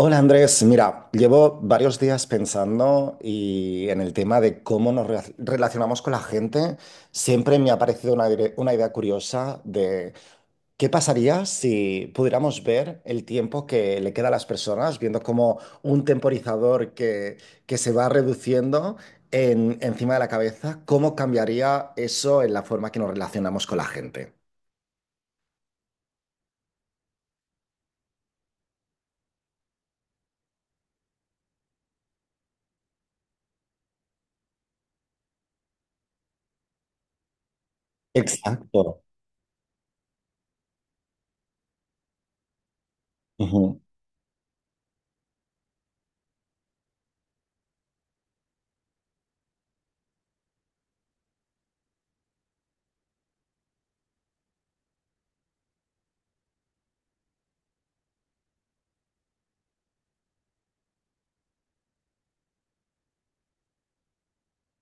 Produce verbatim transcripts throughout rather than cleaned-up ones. Hola Andrés, mira, llevo varios días pensando y en el tema de cómo nos re- relacionamos con la gente. Siempre me ha parecido una, ide- una idea curiosa de qué pasaría si pudiéramos ver el tiempo que le queda a las personas, viendo como un temporizador que, que se va reduciendo en- encima de la cabeza, cómo cambiaría eso en la forma que nos relacionamos con la gente. Exacto.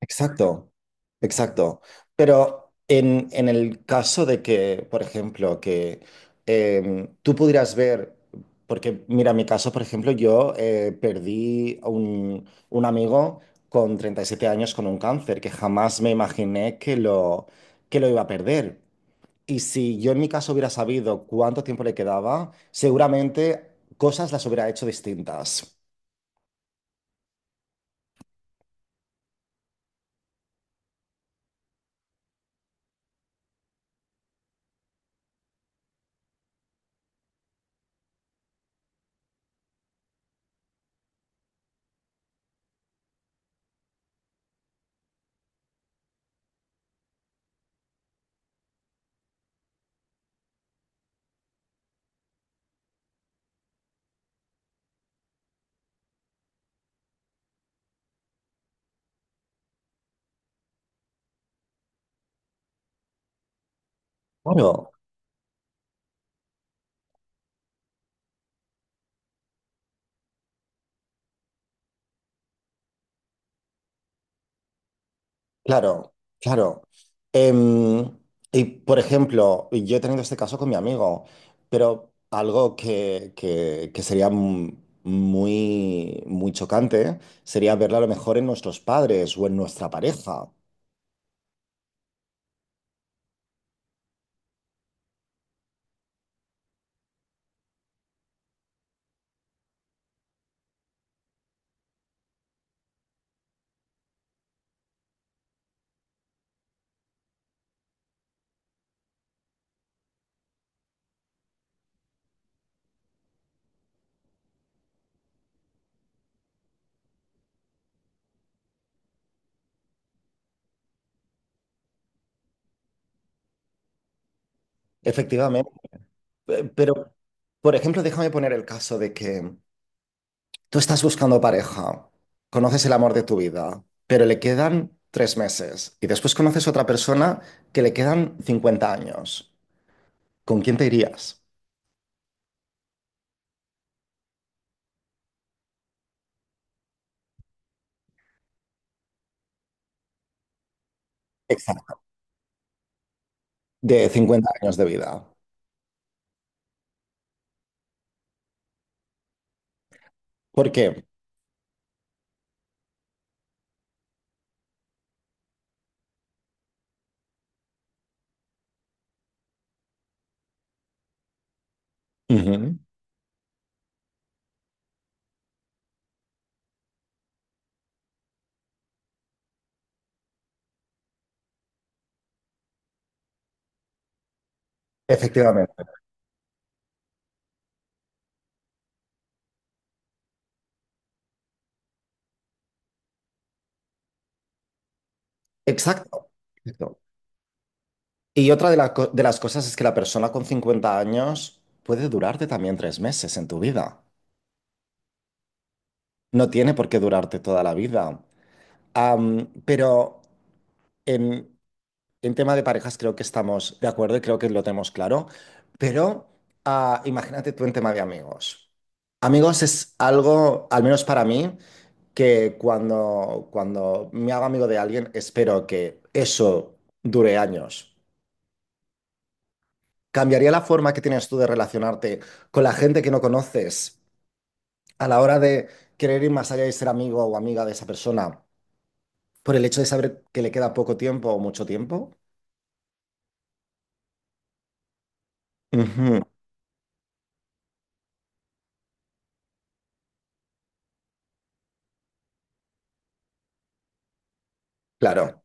Exacto, exacto. Pero en, en el caso de que, por ejemplo, que em, tú pudieras ver, porque mira, en mi caso, por ejemplo, yo eh, perdí a un, un amigo con treinta y siete años con un cáncer que jamás me imaginé que lo, que lo iba a perder. Y si yo en mi caso hubiera sabido cuánto tiempo le quedaba, seguramente cosas las hubiera hecho distintas. Claro. Claro, claro. Em, y por ejemplo, yo he tenido este caso con mi amigo, pero algo que, que- que sería m- muy, muy chocante sería verlo a lo mejor en nuestros padres o en nuestra pareja. Efectivamente. Pe- Pero, por ejemplo, déjame poner el caso de que tú estás buscando pareja, conoces el amor de tu vida, pero le quedan tres meses y después conoces otra persona que le quedan cincuenta años. ¿Con quién te irías? Exacto. De cincuenta años de vida. ¿Por qué? Ujú. Efectivamente. Exacto. Exacto. Y otra de, la co- de las cosas es que la persona con cincuenta años puede durarte también tres meses en tu vida. No tiene por qué durarte toda la vida. Am, pero en, en tema de parejas creo que estamos de acuerdo y creo que lo tenemos claro. Pero ah, imagínate tú en tema de amigos. Amigos es algo, al menos para mí, que cuando, cuando me hago amigo de alguien, espero que eso dure años. ¿Cambiaría la forma que tienes tú de relacionarte con la gente que no conoces a la hora de querer ir más allá y ser amigo o amiga de esa persona por el hecho de saber que le queda poco tiempo o mucho tiempo? Ujú, claro,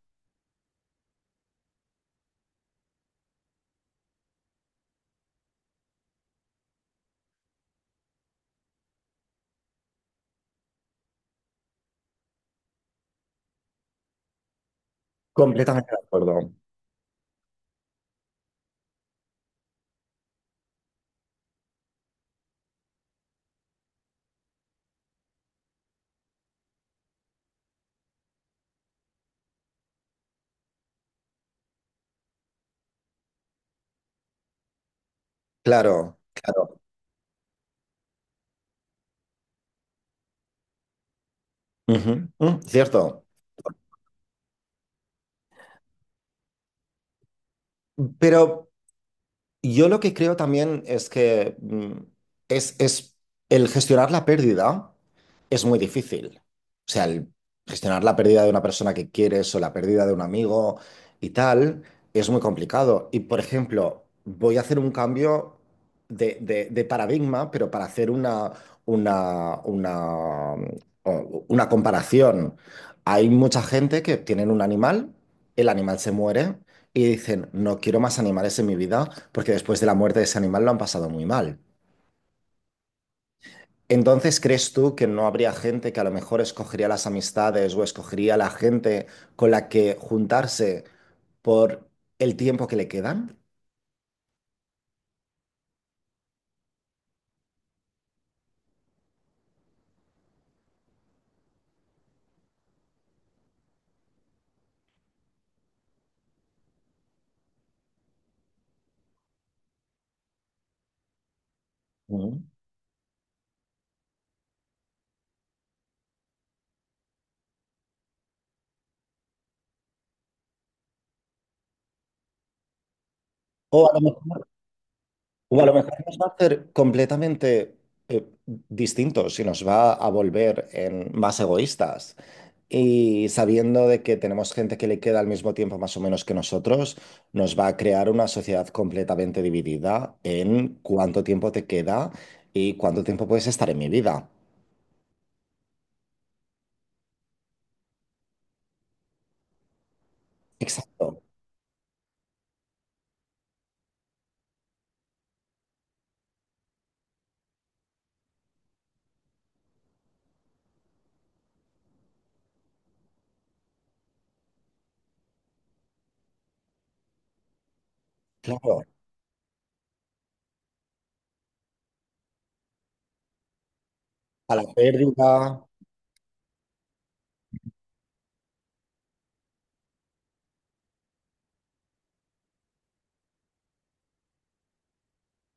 completamente de acuerdo. Claro, claro. Ujú, mm, cierto. Pero yo lo que creo también es que mm, es, es el gestionar la pérdida es muy difícil. O sea, el gestionar la pérdida de una persona que quieres o la pérdida de un amigo y tal es muy complicado. Y por ejemplo, voy a hacer un cambio de, de- de paradigma, pero para hacer una, una, una, mm, o- una comparación. Hay mucha gente que tienen un animal, el animal se muere y dicen, no quiero más animales en mi vida porque después de la muerte de ese animal lo han pasado muy mal. Entonces, ¿crees tú que no habría gente que a lo mejor escogería las amistades o escogería la gente con la que juntarse por el tiempo que le quedan? Mm. O a lo mejor O a lo mejor nos va a hacer completamente eh, distintos y nos va a volver en más egoístas. Y sabiendo de que tenemos gente que le queda al mismo tiempo más o menos que nosotros, nos va a crear una sociedad completamente dividida en cuánto tiempo te queda y cuánto tiempo puedes estar en mi vida. Exacto, claro. A la pérdida.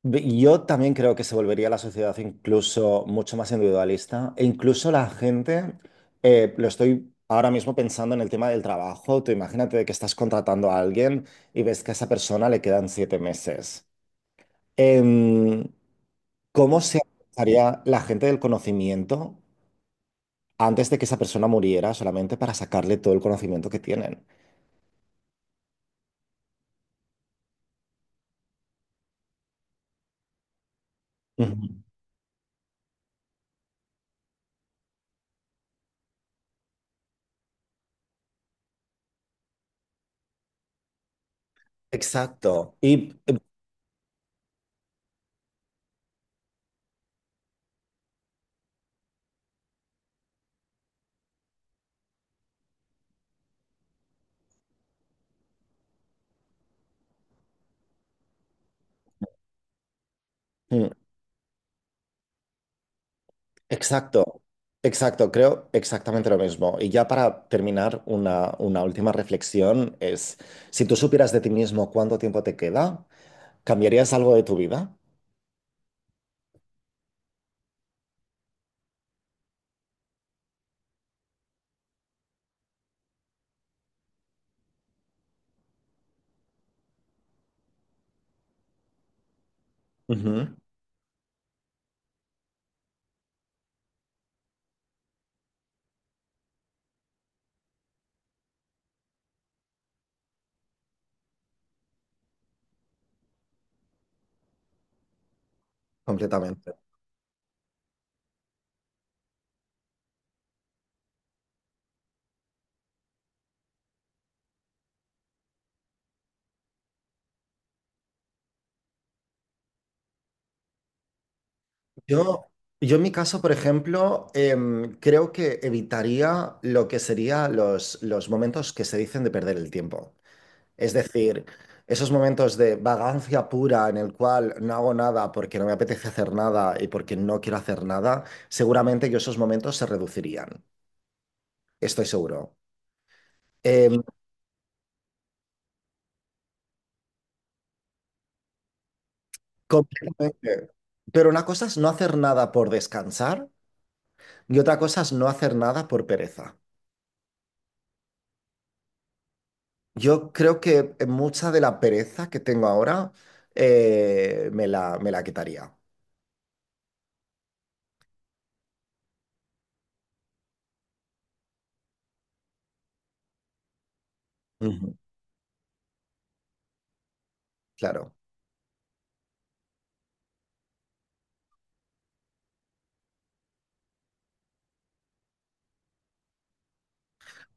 Ve- Yo también creo que se volvería la sociedad incluso mucho más individualista e incluso la gente, eh, lo estoy ahora mismo pensando en el tema del trabajo, tú imagínate que estás contratando a alguien y ves que a esa persona le quedan siete meses. Em, ¿cómo se haría la gente del conocimiento antes de que esa persona muriera solamente para sacarle todo el conocimiento que tienen? Ujú. Exacto. Y, eh, Exacto, exacto, creo exactamente lo mismo. Y ya para terminar, una, una última reflexión es, si tú supieras de ti mismo cuánto tiempo te queda, ¿cambiarías algo de tu vida? Ujú, completamente. Yo, yo en mi caso, por ejemplo, em, creo que evitaría lo que serían los, los momentos que se dicen de perder el tiempo. Es decir, esos momentos de vagancia pura en el cual no hago nada porque no me apetece hacer nada y porque no quiero hacer nada, seguramente que esos momentos se reducirían. Estoy seguro. Eh, completamente. Pero una cosa es no hacer nada por descansar y otra cosa es no hacer nada por pereza. Yo creo que mucha de la pereza que tengo ahora eh, me la, me la quitaría. Ujú, claro.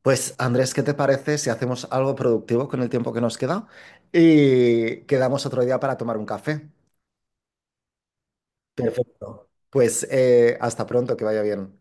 Pues Andrés, ¿qué te parece si hacemos algo productivo con el tiempo que nos queda y quedamos otro día para tomar un café? Perfecto. Pues eh, hasta pronto, que vaya bien.